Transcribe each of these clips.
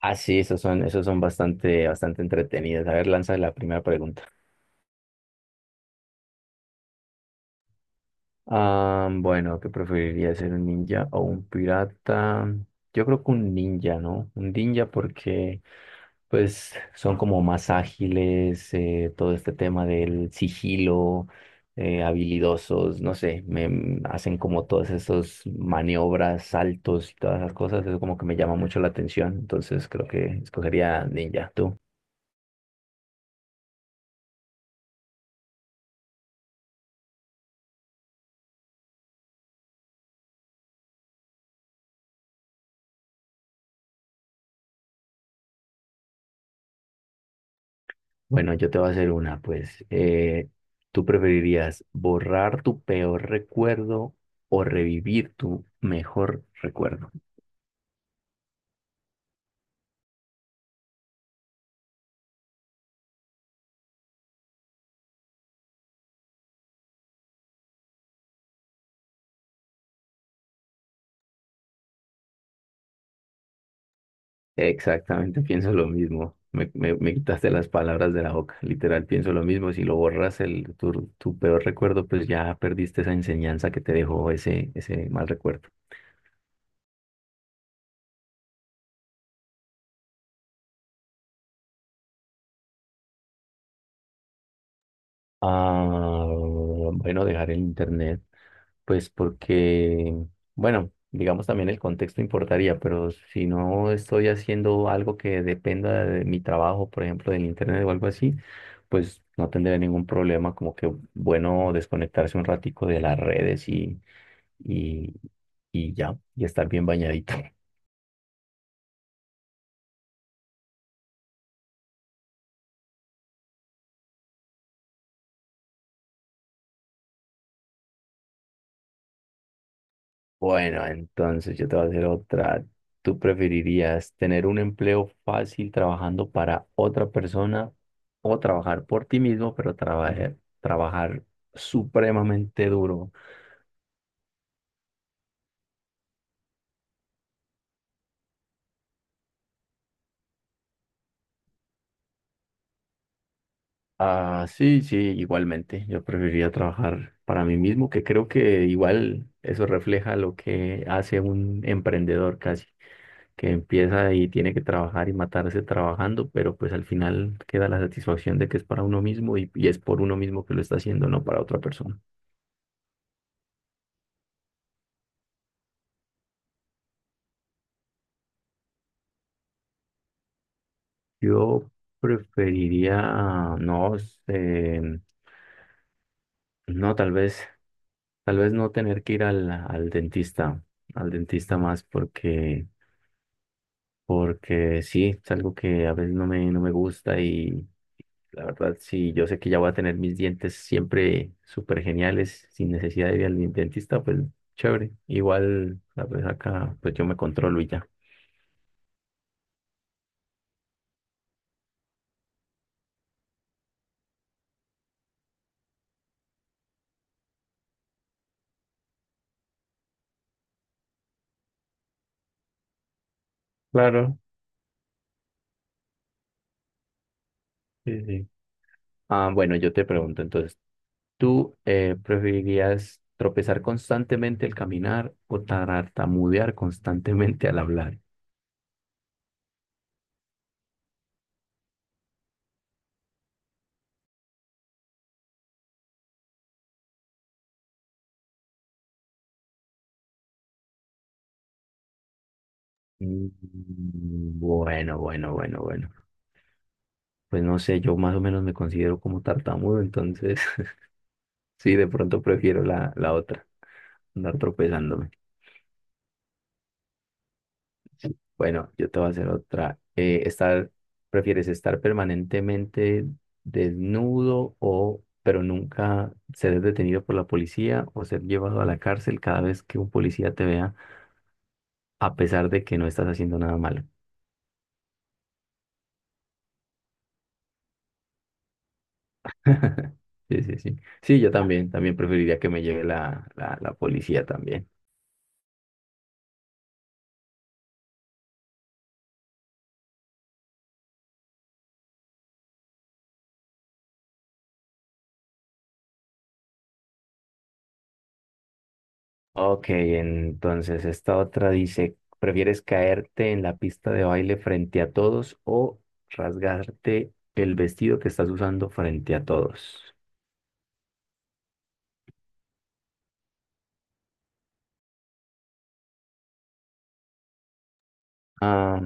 Ah, sí, esos son bastante entretenidos. A ver, lanza la primera pregunta. Ah, bueno, ¿qué preferiría ser un ninja o un pirata? Yo creo que un ninja, ¿no? Un ninja porque pues son como más ágiles, todo este tema del sigilo, habilidosos, no sé, hacen como todas esas maniobras, saltos y todas esas cosas, eso como que me llama mucho la atención, entonces creo que escogería ninja, ¿tú? Bueno, yo te voy a hacer una, pues. ¿Tú preferirías borrar tu peor recuerdo o revivir tu mejor recuerdo? Exactamente, pienso lo mismo. Me quitaste las palabras de la boca. Literal, pienso lo mismo. Si lo borras tu peor recuerdo, pues ya perdiste esa enseñanza que te dejó ese mal recuerdo. Ah, bueno, dejar el internet. Pues porque, bueno, digamos también el contexto importaría, pero si no estoy haciendo algo que dependa de mi trabajo, por ejemplo, del internet o algo así, pues no tendría ningún problema, como que bueno desconectarse un ratico de las redes y, y ya, y estar bien bañadito. Bueno, entonces yo te voy a hacer otra. ¿Tú preferirías tener un empleo fácil trabajando para otra persona o trabajar por ti mismo, pero trabajar supremamente duro? Ah, sí, sí, igualmente. Yo preferiría trabajar para mí mismo, que creo que igual eso refleja lo que hace un emprendedor casi, que empieza y tiene que trabajar y matarse trabajando, pero pues al final queda la satisfacción de que es para uno mismo y es por uno mismo que lo está haciendo, no para otra persona. Yo preferiría, no sé, no, tal vez no tener que ir al dentista más porque... porque sí, es algo que a veces no me gusta y la verdad sí, yo sé que ya voy a tener mis dientes siempre súper geniales, sin necesidad de ir al dentista, pues chévere. Igual, la pues acá, pues yo me controlo y ya. Claro, sí, sí. Ah, bueno, yo te pregunto entonces, ¿tú preferirías tropezar constantemente al caminar o tartamudear constantemente al hablar? Mm, Bueno, bueno. Pues no sé, yo más o menos me considero como tartamudo, entonces sí, de pronto prefiero la otra, andar tropezándome. Bueno, yo te voy a hacer otra. ¿Prefieres estar permanentemente desnudo o, pero nunca ser detenido por la policía o ser llevado a la cárcel cada vez que un policía te vea, a pesar de que no estás haciendo nada malo? Sí, sí, sí. Sí, yo también, también preferiría que me lleve la policía también. Ok, entonces esta otra dice, ¿prefieres caerte en la pista de baile frente a todos o rasgarte el vestido que estás usando frente a todos? Ah,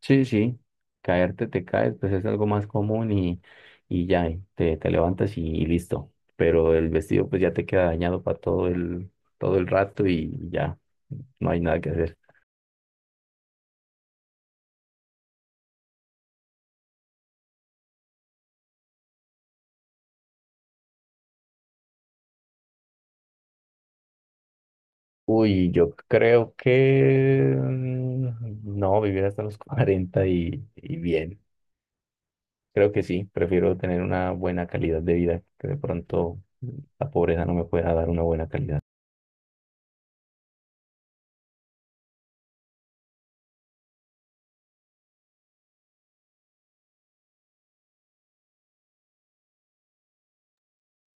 sí, sí, caerte te caes, pues es algo más común y ya, te levantas y listo. Pero el vestido pues ya te queda dañado para todo el rato y ya, no hay nada que hacer. Uy, yo creo que no, vivir hasta los 40 y bien. Creo que sí, prefiero tener una buena calidad de vida, que de pronto la pobreza no me pueda dar una buena calidad.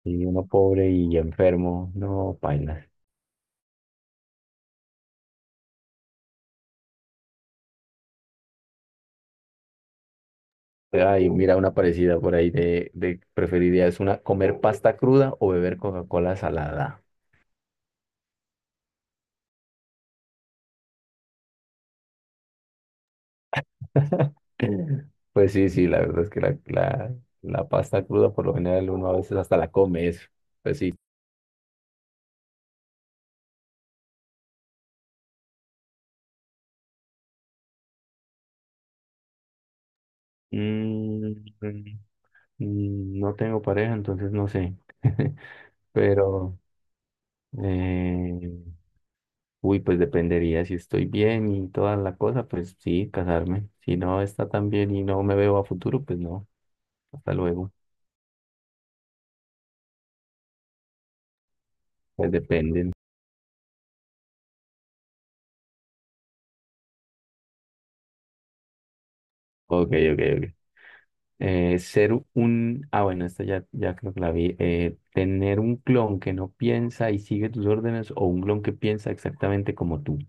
Y uno pobre y enfermo, no, paila. Ay, mira una parecida por ahí de preferiría es una comer pasta cruda o beber Coca-Cola salada. Pues sí, sí, la verdad es que la pasta cruda por lo general uno a veces hasta la come eso. Pues sí. Mm, mm, no tengo pareja, entonces no sé. Pero, eh, uy, pues dependería si estoy bien y toda la cosa, pues sí, casarme. Si no está tan bien y no me veo a futuro, pues no. Hasta luego. Pues dependen. Ok, ok, ok. Ah, bueno, esta ya, ya creo que la vi. Tener un clon que no piensa y sigue tus órdenes o un clon que piensa exactamente como tú.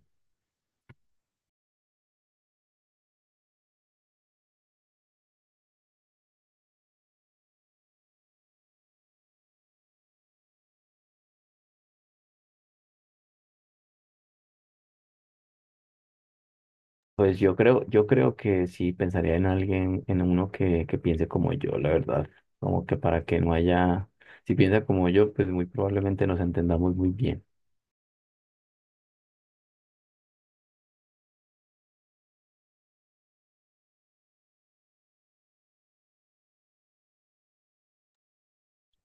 Pues yo creo que sí pensaría en alguien, en uno que piense como yo, la verdad. Como que para que no haya, si piensa como yo, pues muy probablemente nos entendamos muy bien.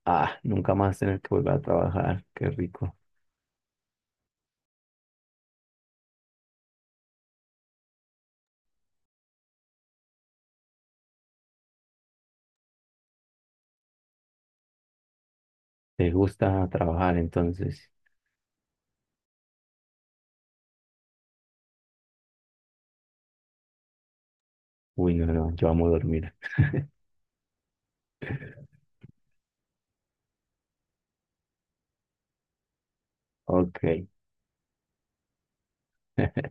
Ah, nunca más tener que volver a trabajar, qué rico. ¿Te gusta trabajar entonces? Uy, no, no, yo amo dormir. Ok.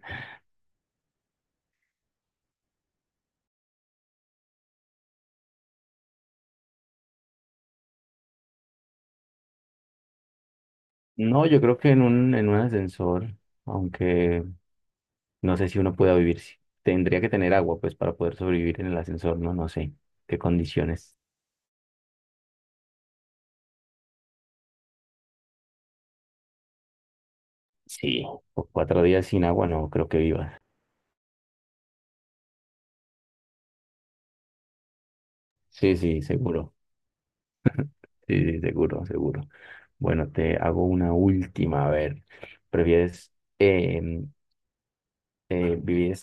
No, yo creo que en en un ascensor, aunque no sé si uno pueda vivir, tendría que tener agua, pues para poder sobrevivir en el ascensor, no, no sé qué condiciones. Sí, cuatro días sin agua, no creo que vivas. Sí, sí, seguro. Sí, sí, seguro, seguro. Bueno, te hago una última. A ver, ¿prefieres em, eh, vivir?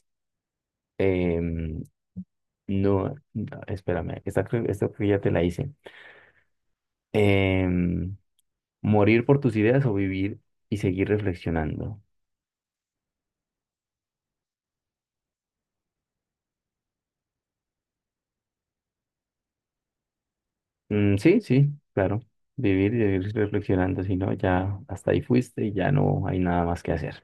em, no, no, espérame, esta creo que ya te la hice. Em, ¿Morir por tus ideas o vivir y seguir reflexionando? Mm, sí, sí, claro. Vivir y seguir reflexionando, si no, ya hasta ahí fuiste y ya no hay nada más que hacer.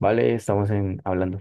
Vale, estamos en, hablando.